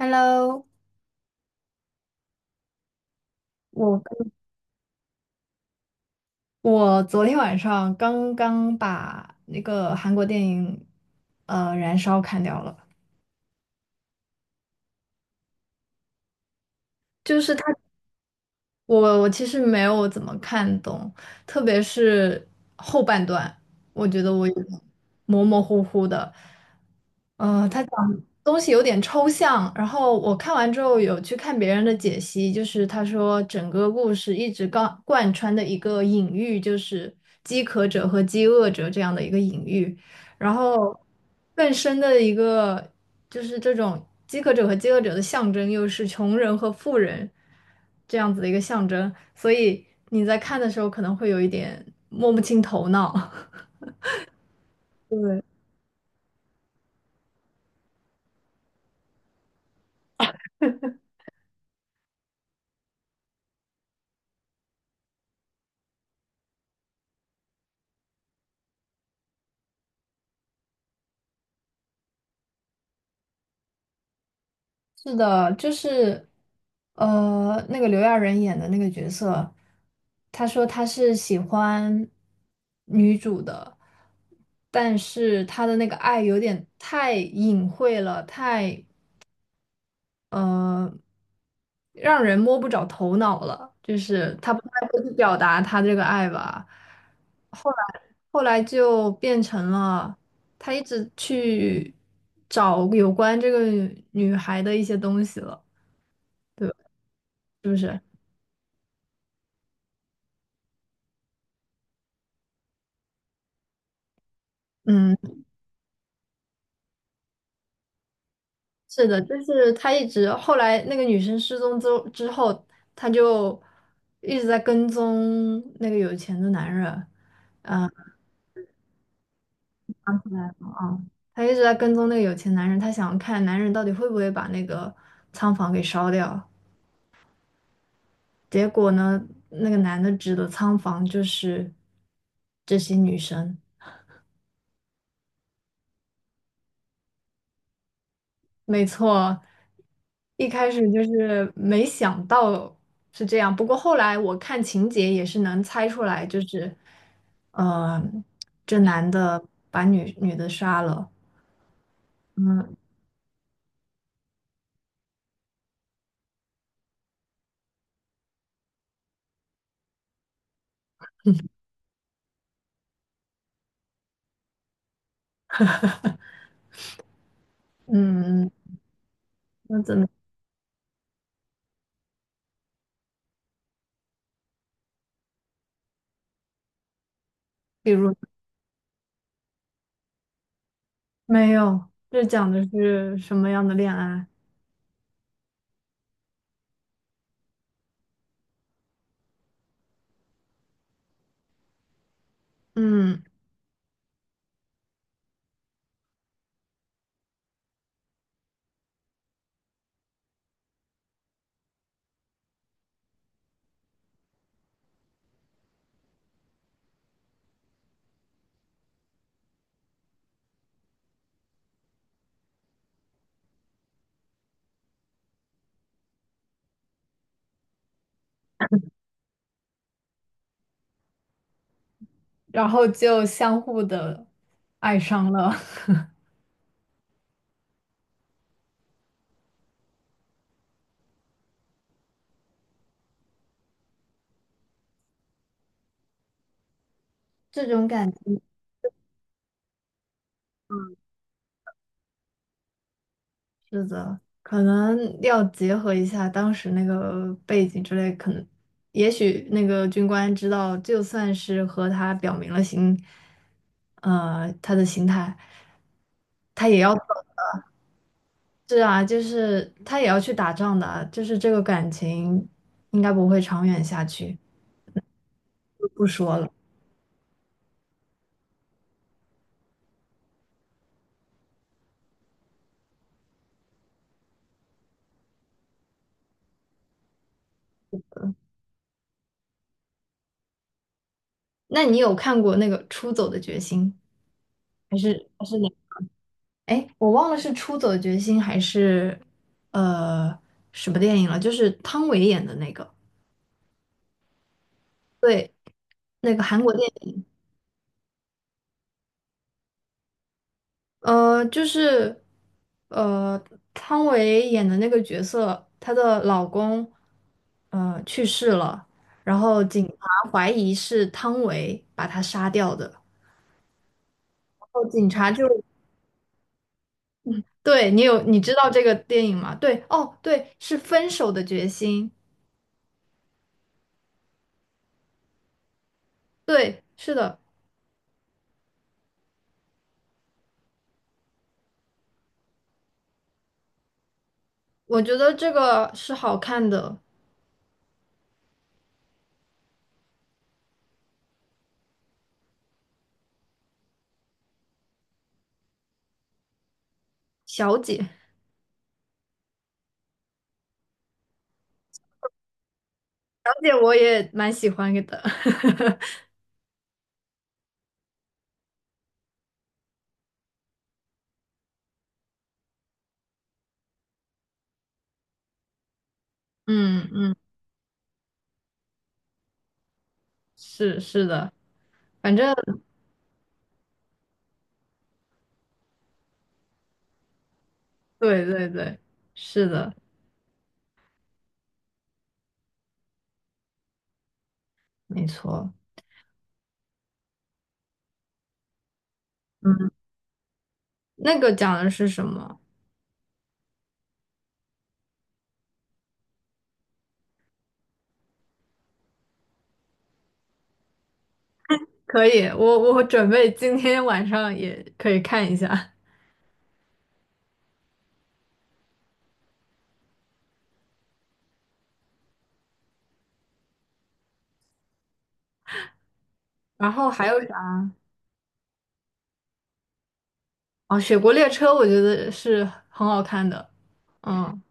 Hello，我刚我昨天晚上刚刚把那个韩国电影《燃烧》看掉了。就是它，我其实没有怎么看懂，特别是后半段，我觉得我有点模模糊糊的。它东西有点抽象，然后我看完之后有去看别人的解析，就是他说整个故事一直贯穿的一个隐喻，就是饥渴者和饥饿者这样的一个隐喻，然后更深的一个就是这种饥渴者和饥饿者的象征，又是穷人和富人这样子的一个象征，所以你在看的时候可能会有一点摸不清头脑。对。是的，就是，那个刘亚仁演的那个角色，他说他是喜欢女主的，但是他的那个爱有点太隐晦了，太呃，让人摸不着头脑了，就是他不太会去表达他这个爱吧。后来，后来就变成了。他一直去找有关这个女孩的一些东西了。对，嗯，是的，就是他一直后来那个女生失踪之后，他就一直在跟踪那个有钱的男人。后来啊，他一直在跟踪那个有钱男人，他想看男人到底会不会把那个仓房给烧掉。结果呢，那个男的指的仓房就是这些女生。没错，一开始就是没想到是这样，不过后来我看情节也是能猜出来，就是，呃，这男的把女的杀了。嗯嗯，那怎么，比如没有，这讲的是什么样的恋爱？嗯，然后就相互的爱上了。这种是的，可能要结合一下当时那个背景之类，可能也许那个军官知道，就算是和他表明了心，他的心态，是啊，就是他也要去打仗的啊，就是这个感情应该不会长远下去，就不说了。那你有看过那个《出走的决心》还是哪？哎，我忘了是《出走的决心》还是呃什么电影了，就是汤唯演的那个。对，那个韩国电影，就是呃，汤唯演的那个角色，她的老公去世了，然后警察怀疑是汤唯把他杀掉的，然后警察就，对，你有，你知道这个电影吗？对，哦，对，是《分手的决心》，对，是的，我觉得这个是好看的。小姐，小姐我也蛮喜欢的。嗯嗯，是是的。反正。对对对，是的，没错。嗯，那个讲的是什么？可以，我准备今天晚上也可以看一下。然后还有啥？哦，《雪国列车》我觉得是很好看的。嗯，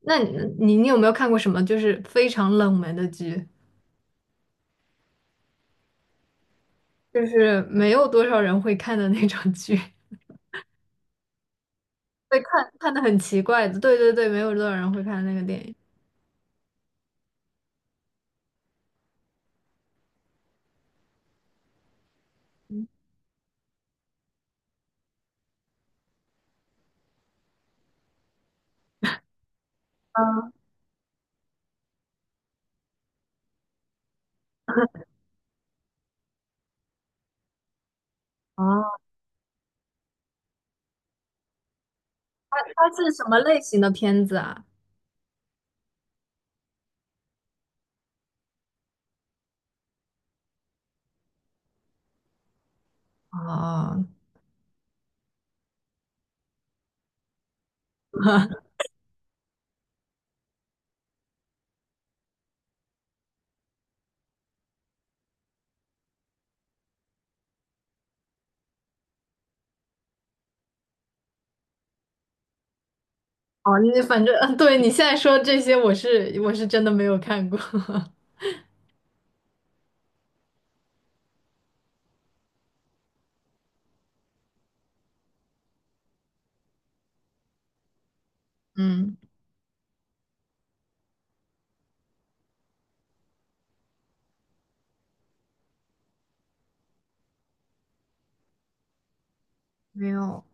那你有没有看过什么就是非常冷门的剧，就是没有多少人会看的那种剧，会看看的很奇怪的。对对对，没有多少人会看那个电影。哦，它是什么类型的片子啊？哦，哦，你反正，嗯，对，你现在说这些，我是真的没有看过。嗯，没有，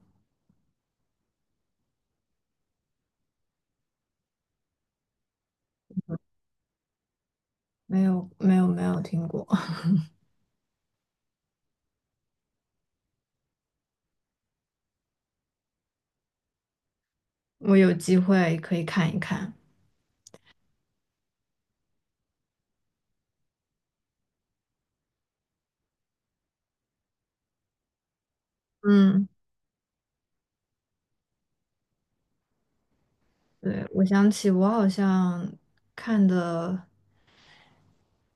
没有，没有，没有听过。我有机会可以看一看。嗯，对，我想起我好像看的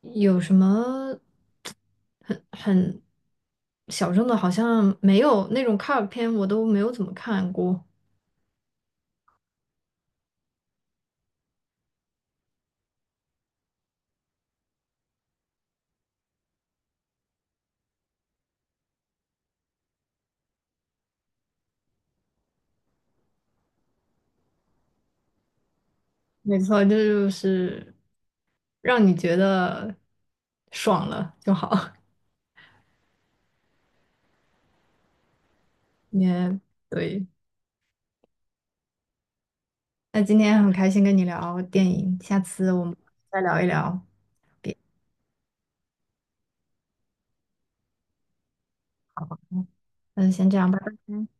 有什么很小众的，好像没有那种卡尔片，我都没有怎么看过。没错，这就是让你觉得爽了就好。也对。那今天很开心跟你聊电影，下次我们再聊一聊，别，嗯，先这样，拜拜。